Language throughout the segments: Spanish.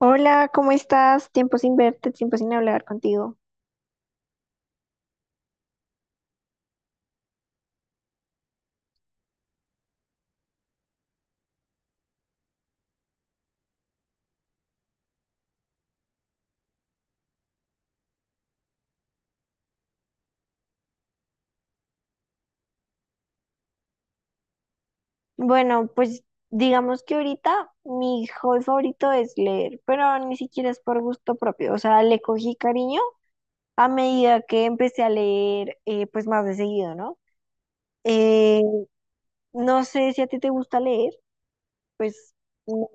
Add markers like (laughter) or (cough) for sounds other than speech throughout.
Hola, ¿cómo estás? Tiempo sin verte, tiempo sin hablar contigo. Bueno, pues digamos que ahorita mi hobby favorito es leer, pero ni siquiera es por gusto propio, o sea, le cogí cariño a medida que empecé a leer, pues más de seguido, ¿no? Eh, no sé si a ti te gusta leer, pues... no.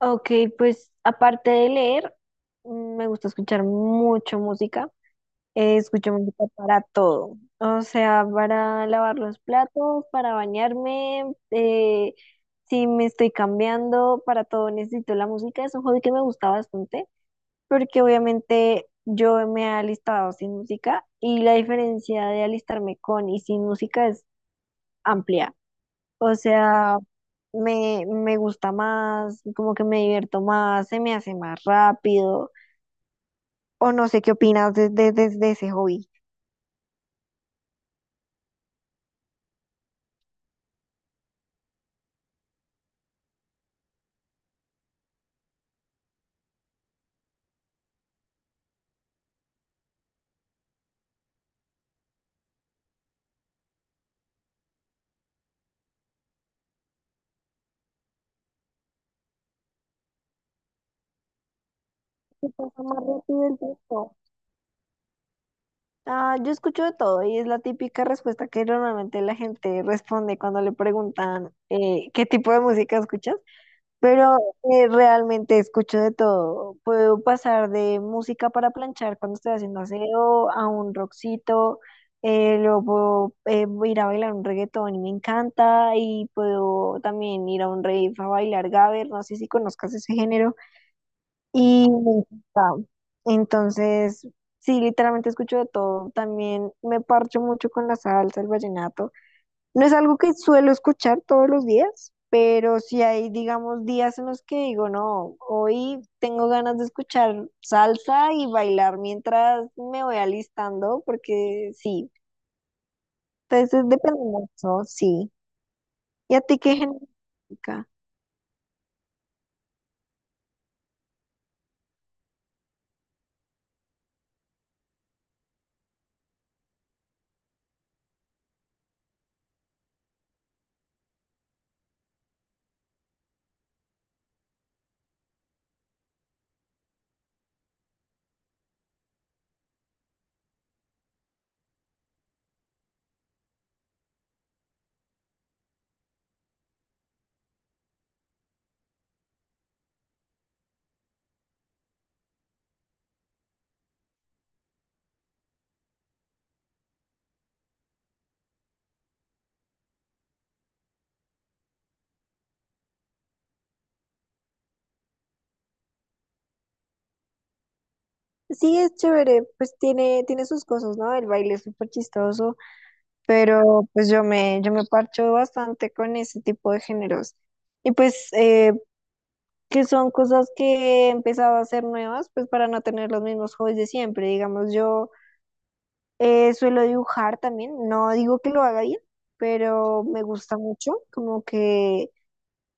Ok, pues aparte de leer, mm, me gusta escuchar mucho música. Escucho música para todo, o sea, para lavar los platos, para bañarme, si me estoy cambiando, para todo necesito la música. Es un hobby que me gusta bastante porque obviamente yo me he alistado sin música y la diferencia de alistarme con y sin música es amplia. O sea, me gusta más, como que me divierto más, se me hace más rápido, o no sé qué opinas de ese hobby. Se pasa más rápido el tiempo. Ah, yo escucho de todo y es la típica respuesta que normalmente la gente responde cuando le preguntan qué tipo de música escuchas, pero realmente escucho de todo. Puedo pasar de música para planchar cuando estoy haciendo aseo a un rockcito, luego ir a bailar un reggaetón y me encanta y puedo también ir a un rave a bailar gabber, no sé si conozcas ese género. Y me encanta. Entonces, sí, literalmente escucho de todo. También me parcho mucho con la salsa, el vallenato. No es algo que suelo escuchar todos los días, pero si hay, digamos, días en los que digo, no, hoy tengo ganas de escuchar salsa y bailar mientras me voy alistando, porque sí. Entonces, depende mucho, sí. ¿Y a ti qué género de música? Sí, es chévere, pues tiene, tiene sus cosas, ¿no? El baile es súper chistoso. Pero pues yo me parcho bastante con ese tipo de géneros. Y pues que son cosas que he empezado a hacer nuevas, pues para no tener los mismos hobbies de siempre. Digamos, yo suelo dibujar también, no digo que lo haga bien, pero me gusta mucho como que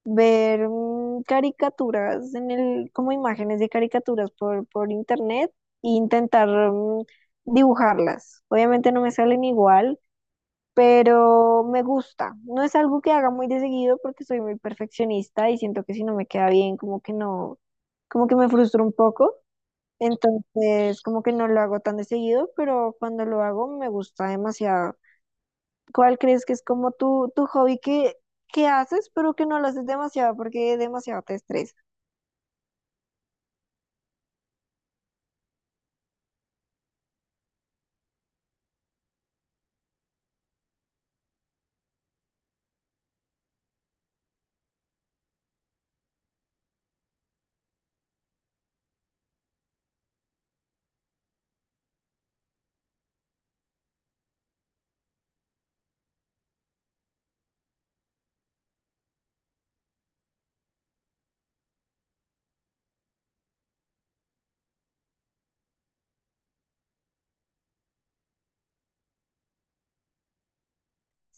ver caricaturas en el, como imágenes de caricaturas por internet e intentar dibujarlas. Obviamente no me salen igual, pero me gusta. No es algo que haga muy de seguido porque soy muy perfeccionista y siento que si no me queda bien, como que no, como que me frustro un poco. Entonces, como que no lo hago tan de seguido, pero cuando lo hago me gusta demasiado. ¿Cuál crees que es como tu hobby que haces, pero que no lo haces demasiado porque demasiado te estresa?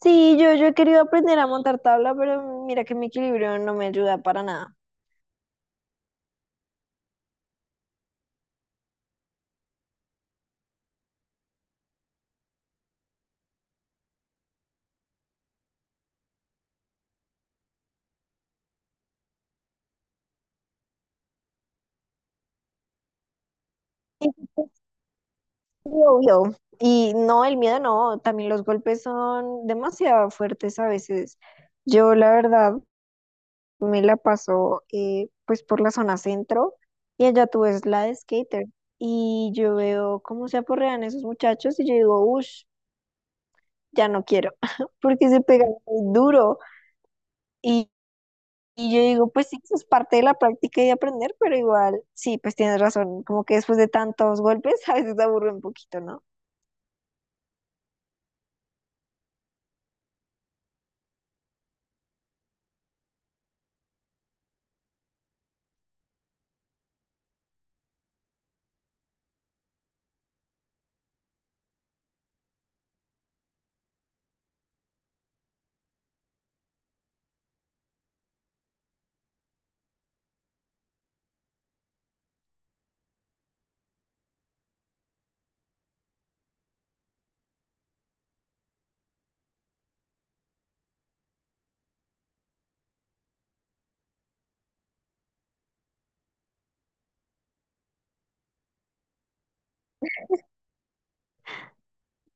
Sí, yo he querido aprender a montar tabla, pero mira que mi equilibrio no me ayuda para nada. Sí, obvio. Y no, el miedo no, también los golpes son demasiado fuertes a veces. Yo la verdad me la paso pues por la zona centro y allá tú ves la de skater y yo veo cómo se aporrean esos muchachos y yo digo, uff, ya no quiero, (laughs) porque se pegan muy duro. Y, y yo digo, pues sí, eso es parte de la práctica y de aprender, pero igual, sí, pues tienes razón, como que después de tantos golpes (laughs) a veces aburre un poquito, ¿no?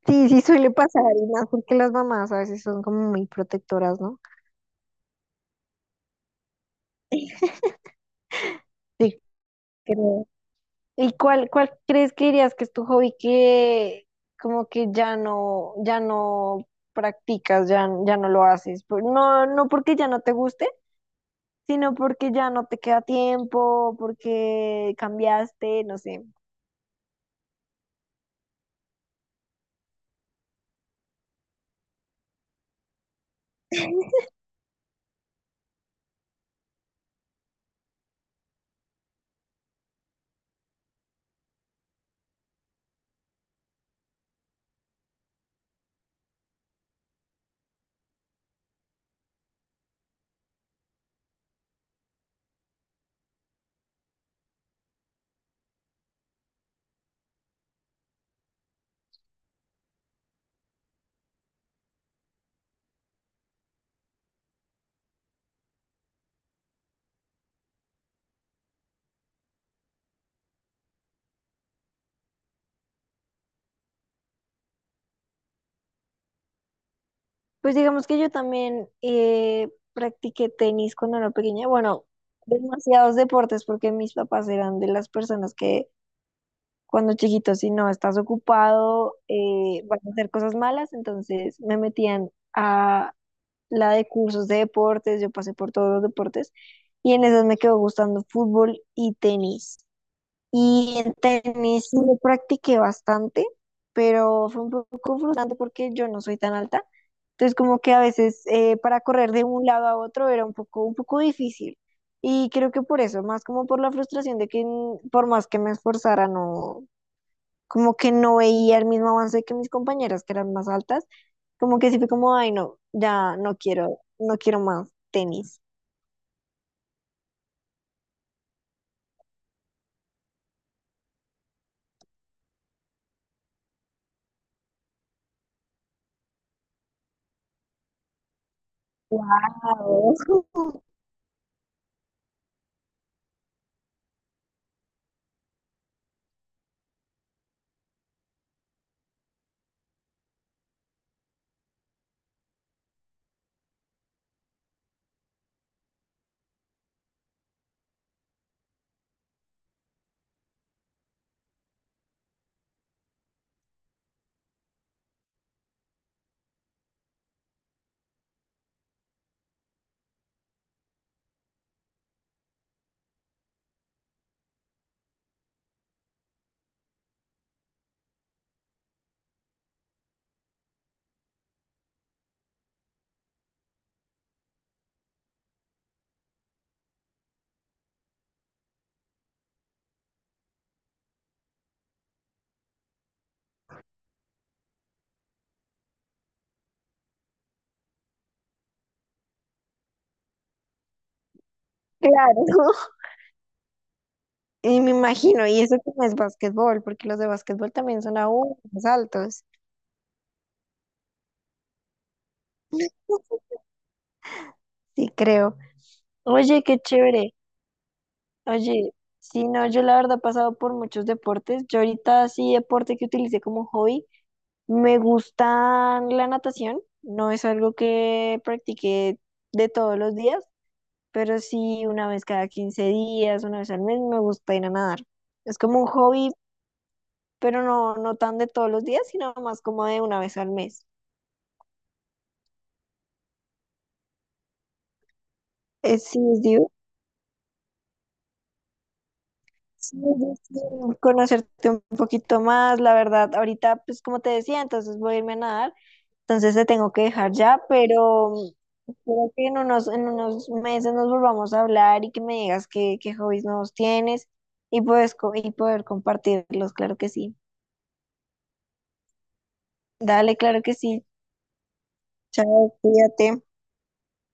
Sí, sí suele pasar, y más porque las mamás a veces son como muy protectoras, ¿no? Sí. Pero, ¿y cuál crees que dirías que es tu hobby que como que ya no practicas, ya no lo haces? No, no porque ya no te guste, sino porque ya no te queda tiempo, porque cambiaste, no sé. Pues digamos que yo también practiqué tenis cuando era pequeña. Bueno, demasiados deportes porque mis papás eran de las personas que cuando chiquito, si no estás ocupado, vas a hacer cosas malas, entonces me metían a la de cursos de deportes, yo pasé por todos los deportes y en esas me quedó gustando fútbol y tenis. Y en tenis sí lo practiqué bastante, pero fue un poco frustrante porque yo no soy tan alta, entonces como que a veces para correr de un lado a otro era un poco difícil. Y creo que por eso, más como por la frustración de que por más que me esforzara, no, como que no veía el mismo avance que mis compañeras que eran más altas, como que sí fue como, ay, no, ya no quiero, no quiero más tenis. Wow. (laughs) Claro. Y me imagino, y eso que no es básquetbol, porque los de básquetbol también son aún más altos. (laughs) Sí, creo. Oye, qué chévere. Oye, sí, no, yo la verdad he pasado por muchos deportes. Yo ahorita sí deporte que utilicé como hobby me gusta la natación, no es algo que practique de todos los días, pero sí una vez cada 15 días, una vez al mes, me gusta ir a nadar. Es como un hobby, pero no, no tan de todos los días, sino más como de una vez al mes. Eh, sí, es div- sí, es divertido conocerte un poquito más, la verdad, ahorita, pues como te decía, entonces voy a irme a nadar. Entonces te tengo que dejar ya, pero mm, espero que en unos meses nos volvamos a hablar y que me digas qué hobbies nuevos tienes y, y poder compartirlos, claro que sí. Dale, claro que sí. Chao, cuídate.